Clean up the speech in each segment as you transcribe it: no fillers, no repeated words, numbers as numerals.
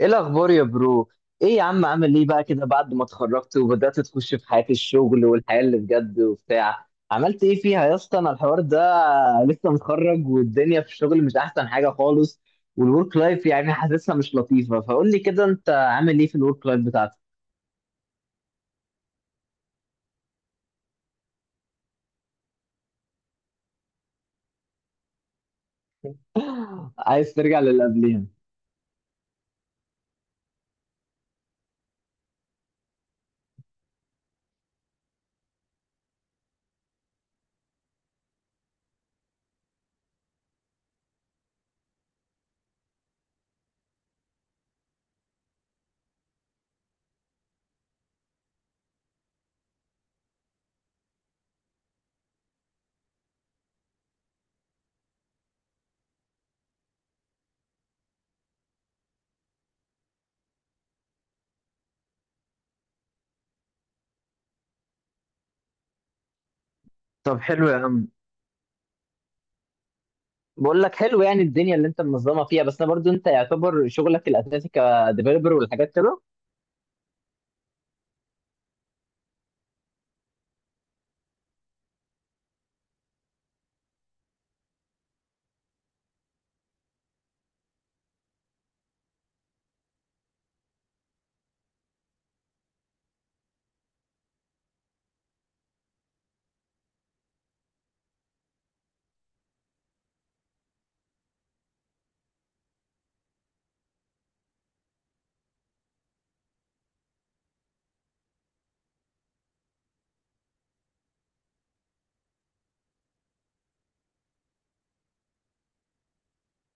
ايه الاخبار يا برو؟ ايه يا عم، عامل ايه بقى كده بعد ما اتخرجت وبدأت تخش في حياة الشغل والحياة اللي بجد وبتاع؟ عملت ايه فيها يا اسطى انا الحوار ده؟ لسه متخرج والدنيا في الشغل مش احسن حاجة خالص، والورك لايف حاسسها مش لطيفة، فقول لي كده انت عامل ايه في الورك لايف بتاعتك. عايز ترجع للي قبلها. طب حلو يا عم. بقول لك حلو الدنيا اللي انت منظمة فيها. بس انا برضو انت يعتبر شغلك الاساسي كديفيلوبر والحاجات كده،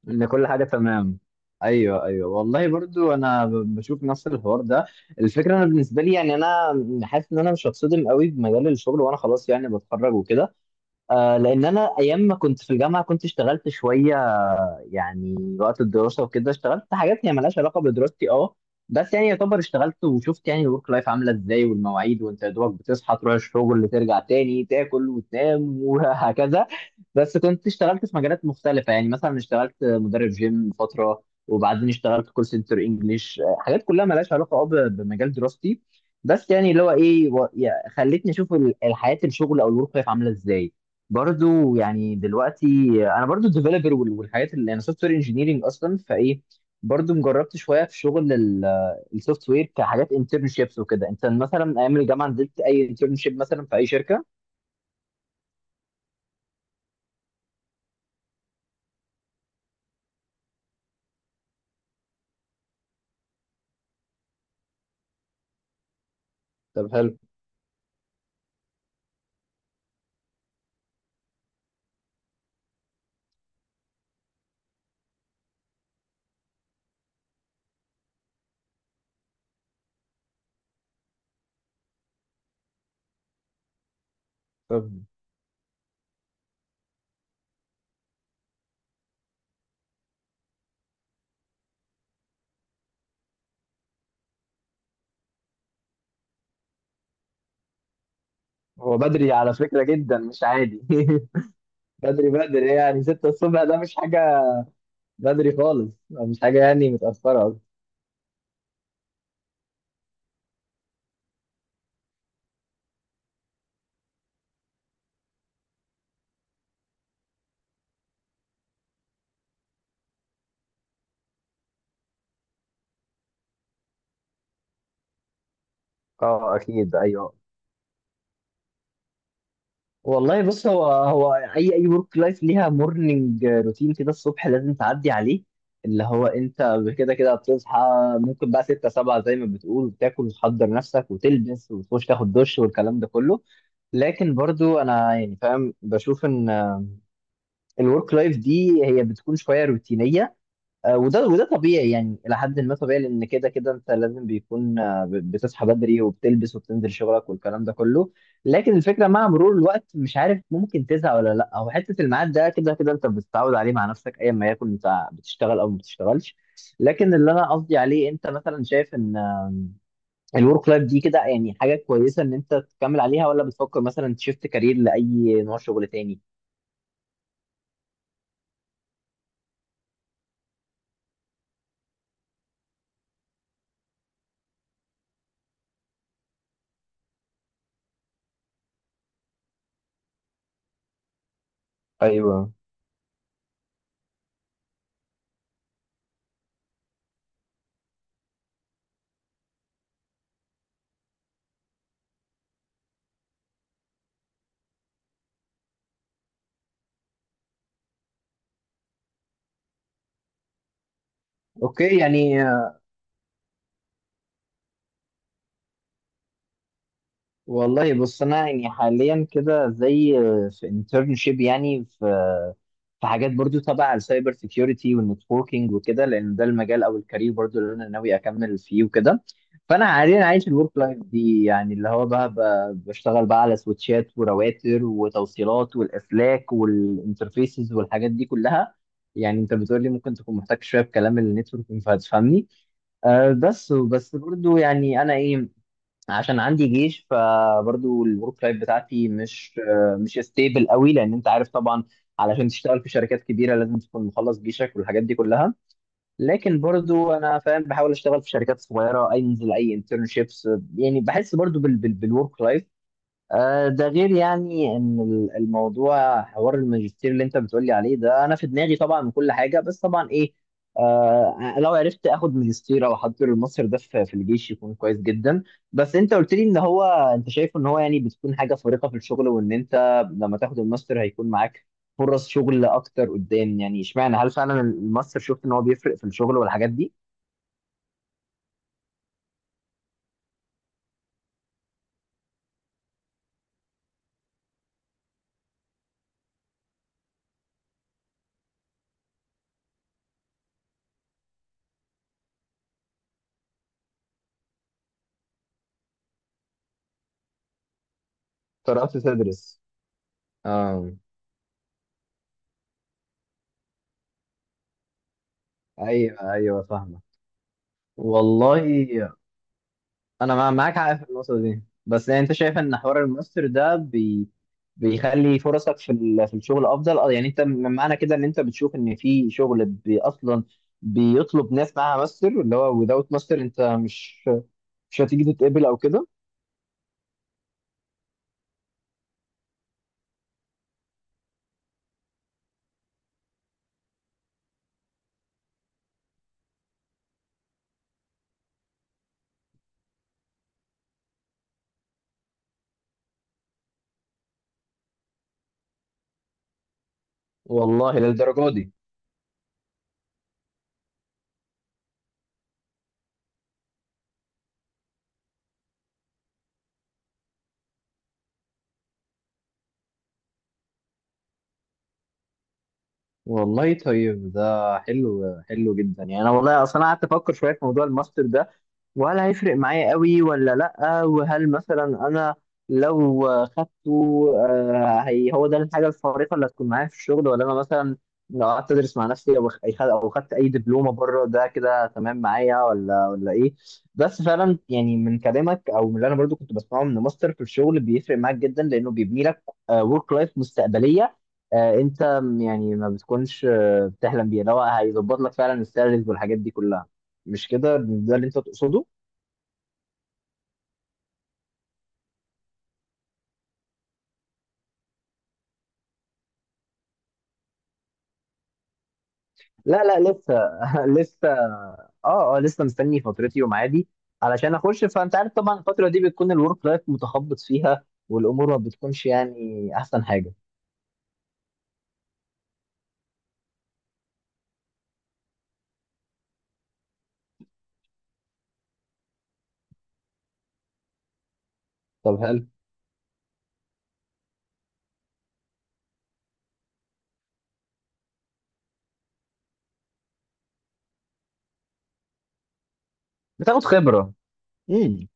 ان كل حاجه تمام. ايوه ايوه، والله برضو انا بشوف نفس الحوار ده. الفكره انا بالنسبه لي يعني انا حاسس ان انا مش هتصدم قوي بمجال الشغل، وانا خلاص يعني بتخرج وكده. آه، لان انا ايام ما كنت في الجامعه كنت اشتغلت شويه، يعني وقت الدراسة وكده. اشتغلت حاجات هي ملهاش علاقة بدراستي، اه بس يعني يعتبر اشتغلت وشفت يعني الورك لايف عاملة ازاي، والمواعيد، وانت يا دوبك بتصحى تروح الشغل، ترجع تاني تاكل وتنام، وهكذا. بس كنت اشتغلت في مجالات مختلفة، يعني مثلا اشتغلت مدرب جيم فترة، وبعدين اشتغلت كول سنتر انجلش. حاجات كلها ملهاش علاقة، اه، بمجال دراستي، بس يعني اللي هو ايه خلتني اشوف الحياة الشغل او الورك لايف عاملة ازاي. برضو يعني دلوقتي انا برضو ديفلوبر والحاجات، اللي انا سوفت وير انجينيرنج اصلا، فايه، برضو مجربت شويه في شغل السوفت وير كحاجات انترنشيبس وكده. انت مثلا ايام الجامعه نزلت اي انترنشيب مثلا في اي شركه؟ طب حلو. طب هو بدري على فكره جدا، مش عادي. بدري بدري، يعني 6 الصبح ده مش حاجه. بدري خالص، مش حاجه يعني متاخره. اه اكيد، ايوه. والله بص، هو هو اي اي ورك لايف ليها مورنينج روتين كده الصبح لازم تعدي عليه، اللي هو انت كده كده بتصحى، ممكن بقى 6، 7، زي ما بتقول، بتاكل وتحضر نفسك وتلبس وتخش تاخد دش والكلام ده كله. لكن برضو انا يعني فاهم، بشوف ان الورك لايف دي هي بتكون شويه روتينيه. آه، وده وده طبيعي يعني الى حد ما طبيعي، لان كده كده انت لازم بيكون آه، بتصحى بدري وبتلبس وبتنزل شغلك والكلام ده كله. لكن الفكره مع مرور الوقت، مش عارف ممكن تزهق ولا لا، او حته الميعاد ده كده كده انت بتتعود عليه مع نفسك ايا ما يكن، انت بتشتغل او ما بتشتغلش. لكن اللي انا قصدي عليه، انت مثلا شايف ان الورك لايف دي كده يعني حاجه كويسه ان انت تكمل عليها، ولا بتفكر مثلا تشفت كارير لاي نوع شغل تاني؟ ايوه. اوكي يعني. والله بص، انا يعني حاليا كده زي في انترنشيب، يعني في في حاجات برضو تبع السايبر سيكيورتي والنتوركينج وكده، لان ده المجال او الكارير برضو اللي انا ناوي اكمل فيه وكده. فانا حاليا عايش الورك لايف دي، يعني اللي هو بقى بشتغل بقى على سويتشات ورواتر وتوصيلات والاسلاك والانترفيسز والحاجات دي كلها. يعني انت بتقول لي ممكن تكون محتاج شويه في كلام النتوركينج، فهتفهمني. أه، بس برضو يعني انا ايه، عشان عندي جيش، فبرضو الورك لايف بتاعتي مش ستيبل قوي، لان انت عارف طبعا علشان تشتغل في شركات كبيره لازم تكون مخلص جيشك والحاجات دي كلها. لكن برضو انا فاهم، بحاول اشتغل في شركات صغيره، انزل اي انترنشيبس، يعني بحس برضو بالورك لايف. آه، ده غير يعني ان الموضوع حوار الماجستير اللي انت بتقولي عليه ده انا في دماغي طبعا من كل حاجه، بس طبعا ايه، آه، لو عرفت اخد ماجستير او احضر الماستر ده في الجيش يكون كويس جدا. بس انت قلت لي ان هو، انت شايف ان هو يعني بتكون حاجه فارقه في الشغل، وان انت لما تاخد الماستر هيكون معاك فرص شغل اكتر قدام، يعني اشمعنى؟ هل فعلا الماستر شفت ان هو بيفرق في الشغل والحاجات دي؟ قررت تدرس. اه. ايوه ايوه، فاهمه. والله انا معاك حق في النقطه دي، بس يعني انت شايف ان حوار الماستر ده بي، بيخلي فرصك في في الشغل افضل، اه؟ يعني انت من معنى كده ان انت بتشوف ان في شغل بي اصلا بيطلب ناس معاها ماستر، اللي هو without ماستر انت مش هتيجي تتقبل او كده؟ والله للدرجه دي! والله طيب، ده حلو حلو جدا، يعني انا والله اصلا قعدت افكر شويه في موضوع الماستر ده، وهل هيفرق معايا قوي ولا لأ؟ وهل مثلا أنا لو خدته، آه، هي هو ده الحاجة الفارقة اللي هتكون معايا في الشغل، ولا أنا مثلا لو قعدت أدرس مع نفسي أو خدت أي دبلومة بره ده كده تمام معايا، ولا إيه؟ بس فعلا يعني من كلامك، أو من اللي أنا برضو كنت بسمعه، من ماستر في الشغل بيفرق معاك جدا، لأنه بيبني لك ورك لايف مستقبلية. آه، أنت يعني ما بتكونش آه، بتحلم بيها، اللي هو هيظبط لك فعلا السالاريز والحاجات دي كلها. مش كده ده اللي أنت تقصده؟ لا لا، لسه. لسه. اه اه، لسه مستني فترتي وميعادي علشان اخش، فانت عارف طبعا الفتره دي بتكون الورك لايف متخبط فيها، والامور ما بتكونش يعني احسن حاجه. طب هل بتاخد خبره؟ امم.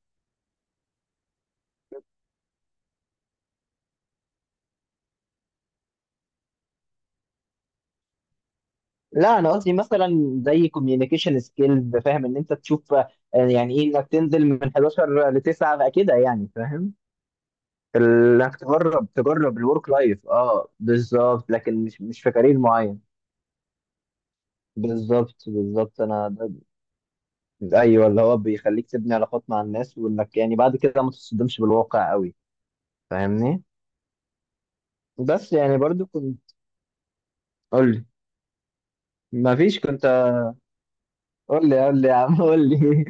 لا، انا قصدي مثلا زي كوميونيكيشن سكيلز، فاهم؟ ان انت تشوف آه، يعني ايه انك تنزل من 11 ل 9 بقى كده، يعني فاهم. انك تجرب، تجرب الورك لايف، اه، بالظبط، لكن مش في كارير معين. بالظبط بالظبط، انا. ايوه، اللي هو بيخليك تبني علاقات مع الناس، وانك يعني بعد كده ما تصدمش بالواقع قوي، فاهمني؟ بس يعني برضو كنت قول لي. ما فيش كنت قول لي، قول لي يا عم، قول لي.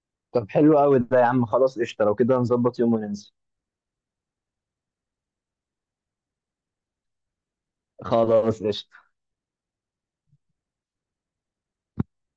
طب حلو قوي ده يا عم، خلاص قشطه. لو كده نظبط يوم وننزل. خلاص قشطه.